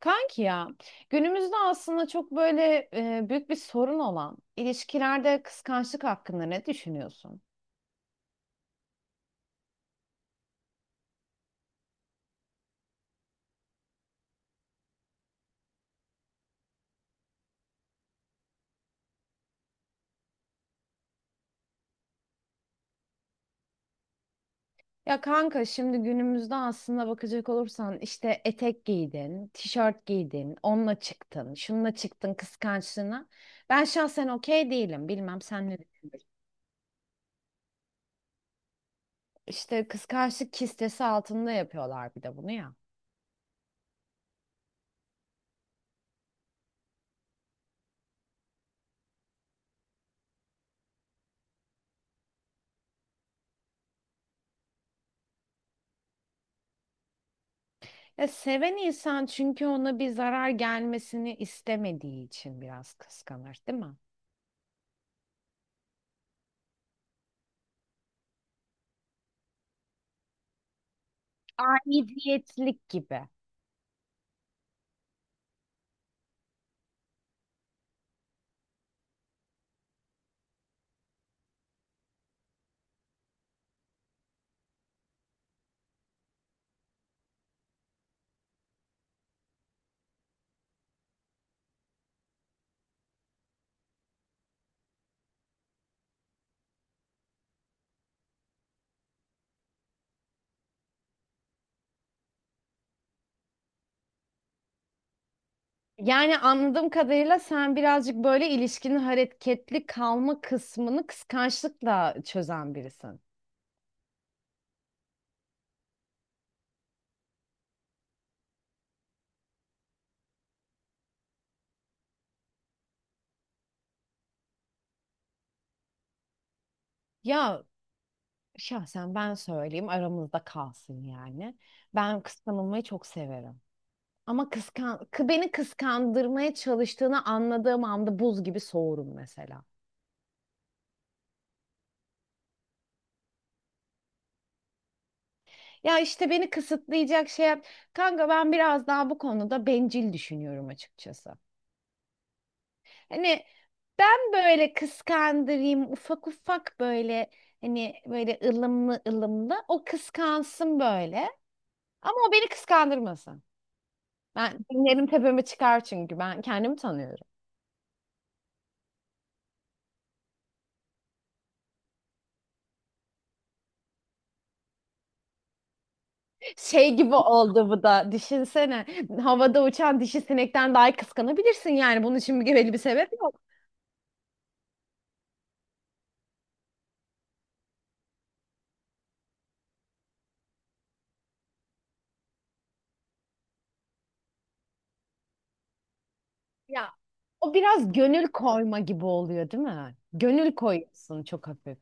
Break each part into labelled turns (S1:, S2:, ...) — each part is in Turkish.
S1: Kanki ya, günümüzde aslında çok böyle büyük bir sorun olan ilişkilerde kıskançlık hakkında ne düşünüyorsun? Ya kanka, şimdi günümüzde aslında bakacak olursan işte etek giydin, tişört giydin, onunla çıktın, şununla çıktın kıskançlığına. Ben şahsen okey değilim. Bilmem sen ne düşünürsün. İşte kıskançlık kistesi altında yapıyorlar bir de bunu ya. Ya seven insan, çünkü ona bir zarar gelmesini istemediği için biraz kıskanır, değil mi? Aidiyetlik gibi. Yani anladığım kadarıyla sen birazcık böyle ilişkinin hareketli kalma kısmını kıskançlıkla çözen birisin. Ya şahsen ben söyleyeyim, aramızda kalsın yani. Ben kıskanılmayı çok severim. Ama beni kıskandırmaya çalıştığını anladığım anda buz gibi soğurum mesela. Ya işte beni kısıtlayacak şey yap. Kanka ben biraz daha bu konuda bencil düşünüyorum açıkçası. Hani ben böyle kıskandırayım ufak ufak, böyle hani böyle ılımlı ılımlı o kıskansın böyle, ama o beni kıskandırmasın. Ben dinlerim, tepeme çıkar çünkü ben kendimi tanıyorum. Şey gibi oldu bu da, düşünsene, havada uçan dişi sinekten daha kıskanabilirsin yani, bunun için bir belli bir sebep yok. Ya o biraz gönül koyma gibi oluyor değil mi? Gönül koyuyorsun çok hafif.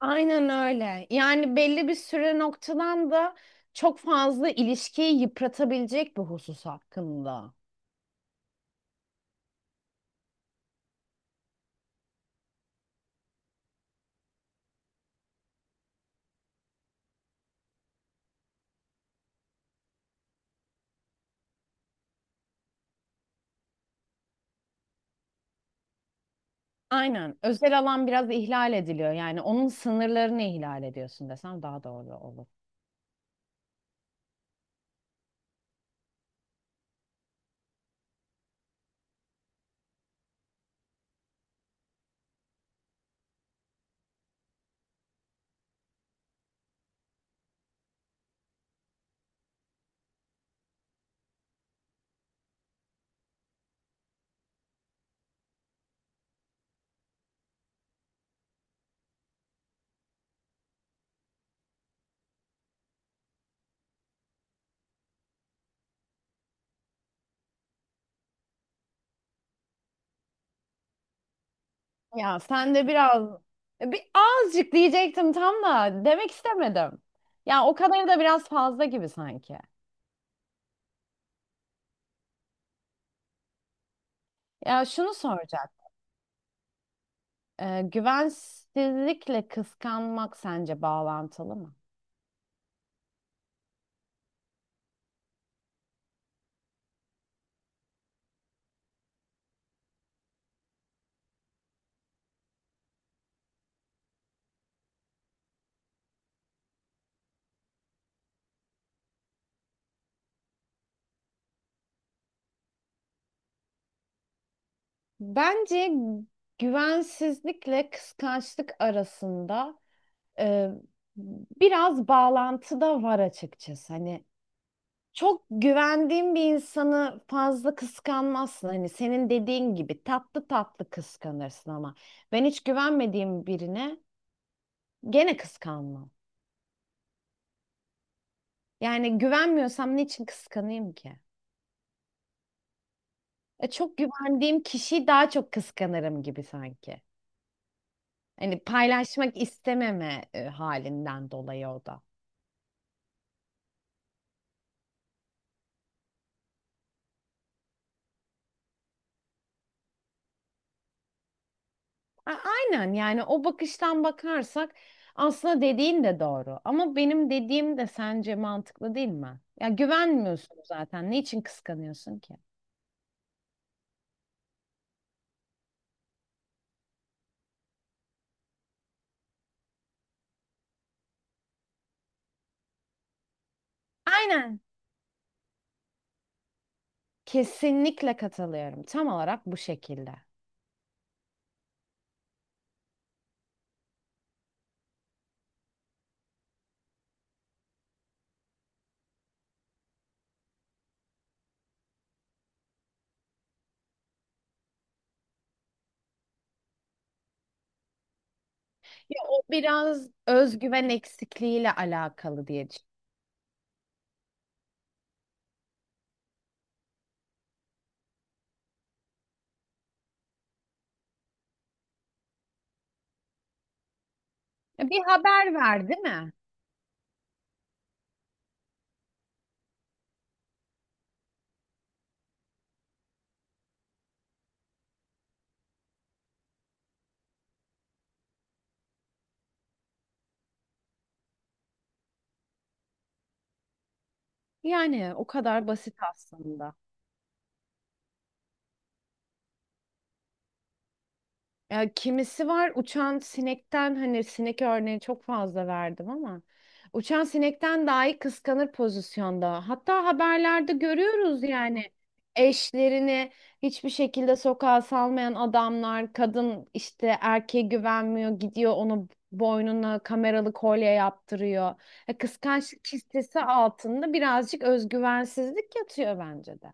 S1: Aynen öyle. Yani belli bir süre noktadan da çok fazla ilişkiyi yıpratabilecek bir husus hakkında. Aynen. Özel alan biraz ihlal ediliyor. Yani onun sınırlarını ihlal ediyorsun desem daha doğru olur. Ya sen de biraz bir azıcık diyecektim, tam da demek istemedim. Ya o kadarı da biraz fazla gibi sanki. Ya şunu soracak. Güvensizlikle kıskanmak sence bağlantılı mı? Bence güvensizlikle kıskançlık arasında e, biraz bağlantı da var açıkçası. Hani çok güvendiğin bir insanı fazla kıskanmazsın. Hani senin dediğin gibi tatlı tatlı kıskanırsın, ama ben hiç güvenmediğim birine gene kıskanmam. Yani güvenmiyorsam niçin kıskanayım ki? E, çok güvendiğim kişiyi daha çok kıskanırım gibi sanki. Hani paylaşmak istememe halinden dolayı o da. A- aynen, yani o bakıştan bakarsak aslında dediğin de doğru. Ama benim dediğim de sence mantıklı değil mi? Ya güvenmiyorsun zaten. Niçin kıskanıyorsun ki? Aynen. Kesinlikle katılıyorum. Tam olarak bu şekilde. Ya o biraz özgüven eksikliğiyle alakalı diye düşünüyorum. Ya, bir haber ver, değil mi? Yani o kadar basit aslında. Ya kimisi var uçan sinekten, hani sinek örneği çok fazla verdim ama, uçan sinekten dahi kıskanır pozisyonda. Hatta haberlerde görüyoruz yani, eşlerini hiçbir şekilde sokağa salmayan adamlar, kadın işte erkeğe güvenmiyor, gidiyor onu boynuna kameralı kolye yaptırıyor. E, kıskançlık kistesi altında birazcık özgüvensizlik yatıyor bence de.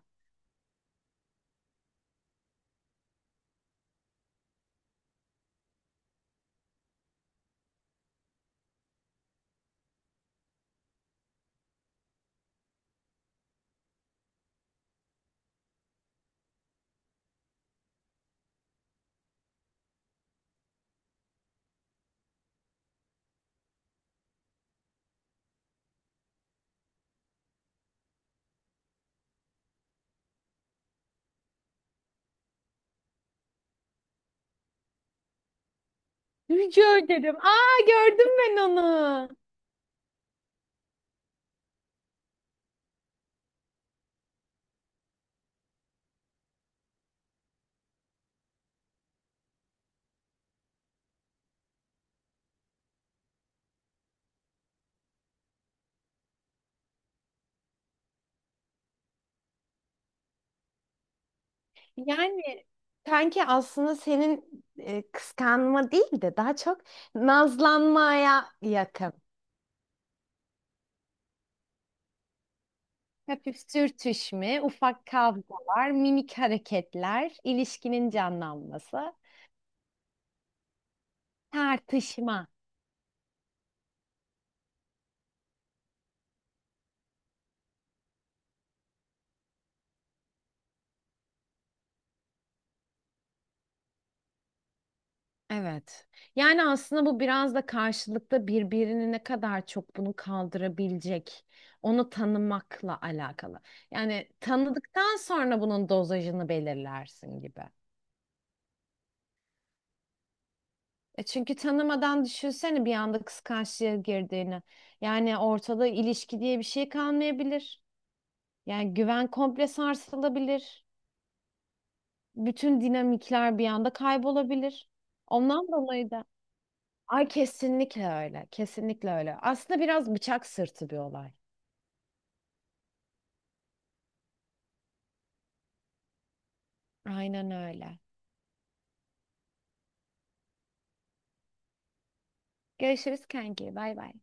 S1: Rica ederim. Aa, gördüm ben onu. Yani sanki aslında senin kıskanma değil de daha çok nazlanmaya yakın. Hafif sürtüşme, ufak kavgalar, mimik hareketler, ilişkinin canlanması, tartışma. Evet. Yani aslında bu biraz da karşılıklı birbirini ne kadar çok bunu kaldırabilecek, onu tanımakla alakalı. Yani tanıdıktan sonra bunun dozajını belirlersin gibi. E, çünkü tanımadan düşünsene bir anda kıskançlığa girdiğini. Yani ortada ilişki diye bir şey kalmayabilir. Yani güven komple sarsılabilir. Bütün dinamikler bir anda kaybolabilir. Ondan dolayı da. Ay kesinlikle öyle. Kesinlikle öyle. Aslında biraz bıçak sırtı bir olay. Aynen öyle. Görüşürüz kanki. Bay bay.